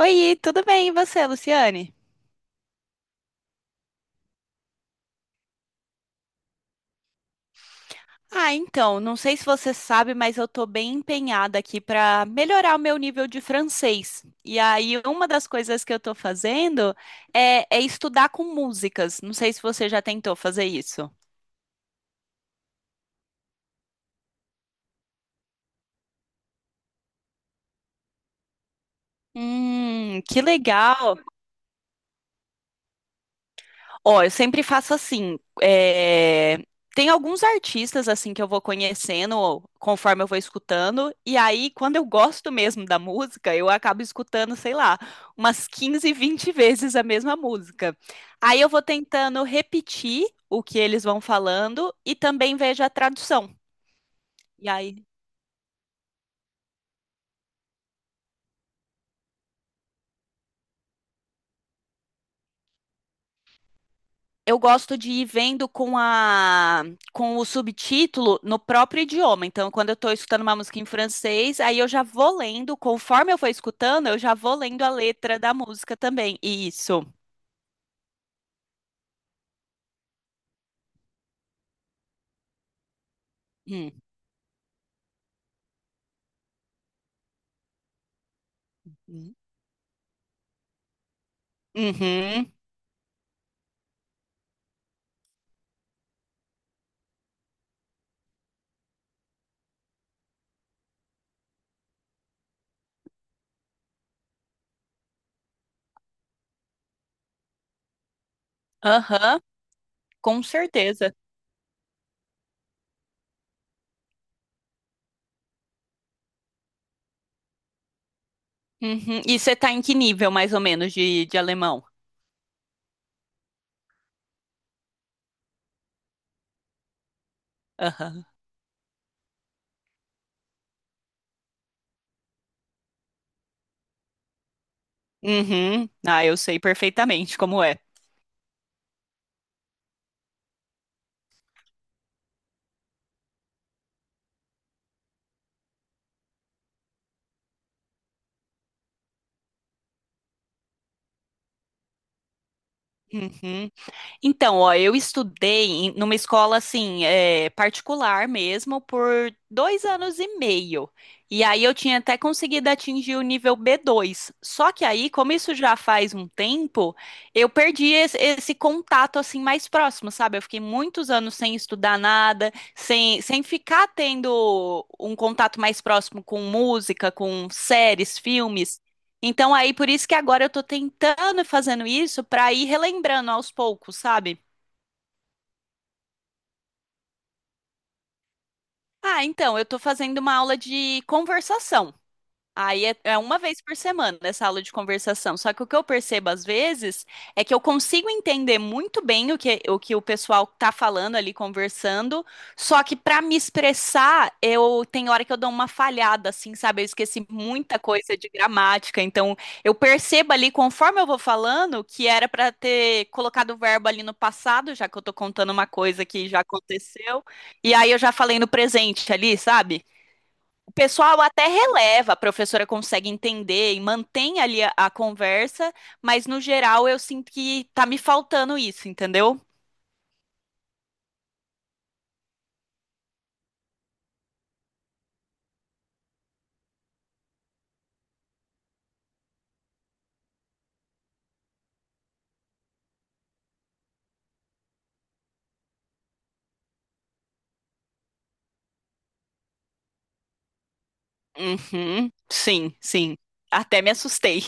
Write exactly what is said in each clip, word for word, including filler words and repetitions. Oi, tudo bem? E você, Luciane? Ah, então, não sei se você sabe, mas eu tô bem empenhada aqui para melhorar o meu nível de francês. E aí, uma das coisas que eu tô fazendo é, é estudar com músicas. Não sei se você já tentou fazer isso. Hum, que legal! Ó, eu sempre faço assim. é, Tem alguns artistas assim que eu vou conhecendo conforme eu vou escutando. E aí, quando eu gosto mesmo da música, eu acabo escutando, sei lá, umas quinze vinte vezes a mesma música. Aí eu vou tentando repetir o que eles vão falando e também vejo a tradução. Eu gosto de ir vendo com a com o subtítulo no próprio idioma. Então, quando eu estou escutando uma música em francês, aí eu já vou lendo, conforme eu for escutando, eu já vou lendo a letra da música também. Isso. Hum. Uhum. Aham. Com certeza. Uhum. E você tá em que nível, mais ou menos, de, de alemão? Aham. Uhum. Ah, eu sei perfeitamente como é. Uhum. Então, ó, eu estudei em- numa escola assim, é, particular mesmo, por dois anos e meio. E aí eu tinha até conseguido atingir o nível B dois. Só que aí, como isso já faz um tempo, eu perdi esse, esse contato assim mais próximo, sabe? Eu fiquei muitos anos sem estudar nada, sem, sem ficar tendo um contato mais próximo com música, com séries, filmes. Então aí por isso que agora eu tô tentando e fazendo isso pra ir relembrando aos poucos, sabe? Ah, então eu tô fazendo uma aula de conversação. Aí é, é uma vez por semana essa aula de conversação. Só que o que eu percebo às vezes é que eu consigo entender muito bem o que o, que o pessoal tá falando ali conversando, só que para me expressar, eu tem hora que eu dou uma falhada, assim, sabe? Eu esqueci muita coisa de gramática. Então eu percebo ali, conforme eu vou falando, que era para ter colocado o verbo ali no passado, já que eu tô contando uma coisa que já aconteceu, e aí eu já falei no presente ali, sabe? O pessoal até releva, a professora consegue entender e mantém ali a, a conversa, mas no geral eu sinto que tá me faltando isso, entendeu? Uhum, sim, sim. Até me assustei.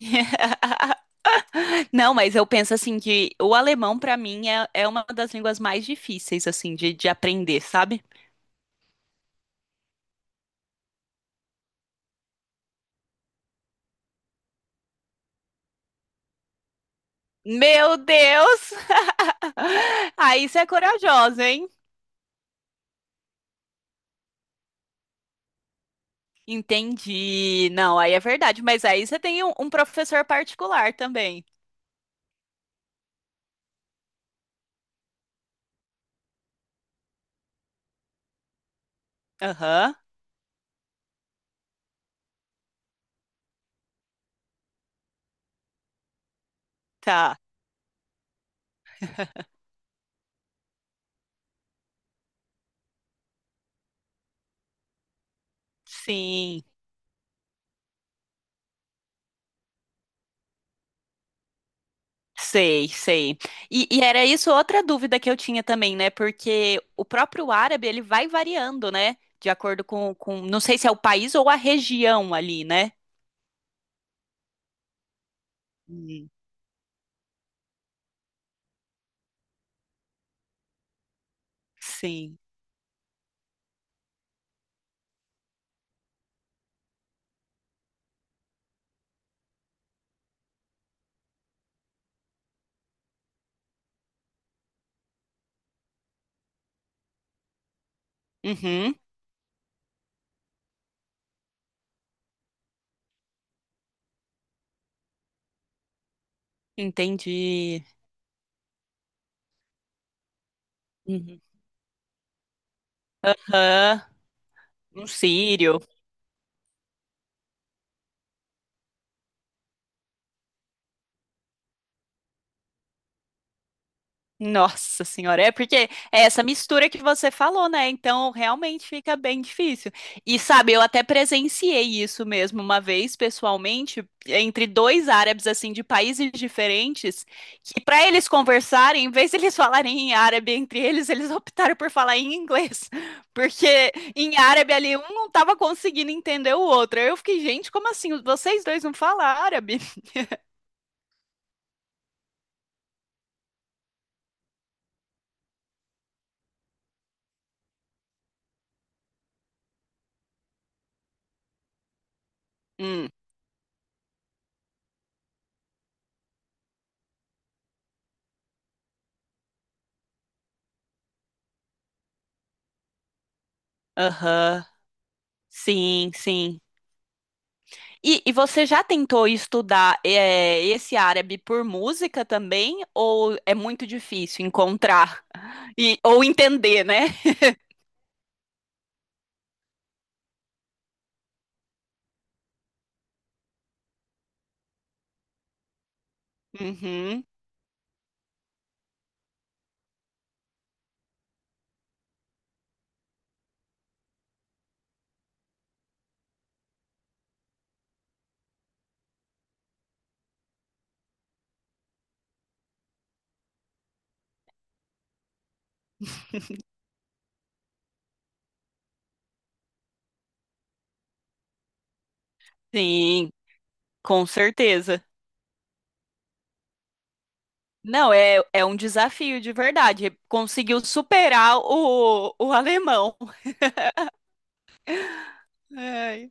Não, mas eu penso assim que o alemão pra mim é, é uma das línguas mais difíceis assim de, de aprender, sabe? Meu Deus! Aí você é corajosa, hein? Entendi. Não, aí é verdade, mas aí você tem um, um professor particular também. Aham, tá. Sim, sei, sei. E, e era isso outra dúvida que eu tinha também, né? Porque o próprio árabe, ele vai variando, né? De acordo com, com, não sei se é o país ou a região ali, né? Hum. Sim. Uhum, entendi. Uhum. Aham. Um sírio. Nossa senhora, é porque é essa mistura que você falou, né? Então realmente fica bem difícil. E sabe, eu até presenciei isso mesmo uma vez pessoalmente, entre dois árabes assim de países diferentes, que para eles conversarem, em vez de eles falarem em árabe entre eles, eles optaram por falar em inglês, porque em árabe ali um não tava conseguindo entender o outro. Eu fiquei, gente, como assim? Vocês dois não falam árabe? Hum, aham. Sim, sim. E, e você já tentou estudar eh, esse árabe por música também? Ou é muito difícil encontrar e, ou entender, né? Uhum. Sim, com certeza. Não, é, é um desafio de verdade. Conseguiu superar o, o alemão. Ai.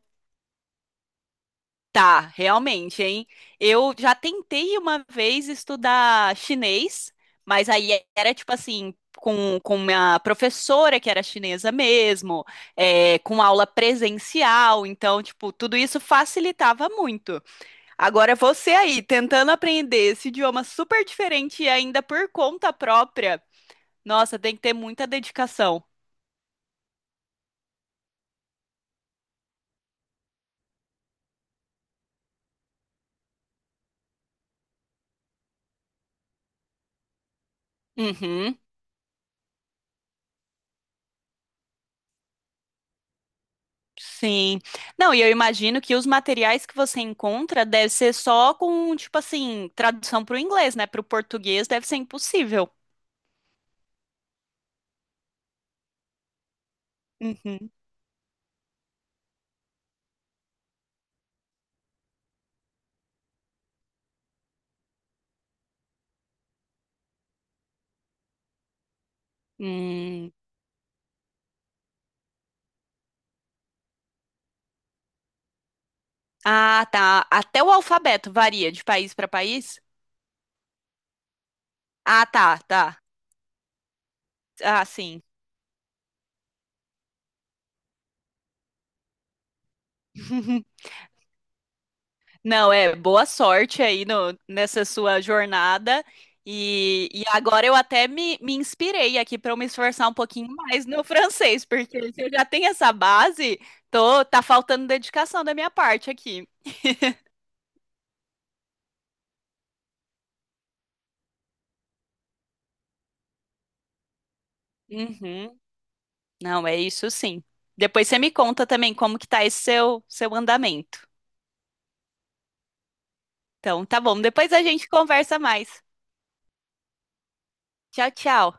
Tá, realmente, hein? Eu já tentei uma vez estudar chinês, mas aí era tipo assim, com, com minha professora que era chinesa mesmo, é, com aula presencial, então, tipo, tudo isso facilitava muito. Agora você aí, tentando aprender esse idioma super diferente e ainda por conta própria, nossa, tem que ter muita dedicação. Uhum. Sim. Não, e eu imagino que os materiais que você encontra deve ser só com, tipo assim, tradução para o inglês, né? Para o português deve ser impossível. Uhum. Hum. Ah, tá. Até o alfabeto varia de país para país? Ah, tá, tá. Ah, sim. Não, é boa sorte aí no, nessa sua jornada. E, e agora eu até me, me inspirei aqui para eu me esforçar um pouquinho mais no francês, porque se eu já tenho essa base, tô, tá faltando dedicação da minha parte aqui. Uhum. Não, é isso sim. Depois você me conta também como que tá esse seu, seu andamento. Então, tá bom, depois a gente conversa mais. Tchau, tchau.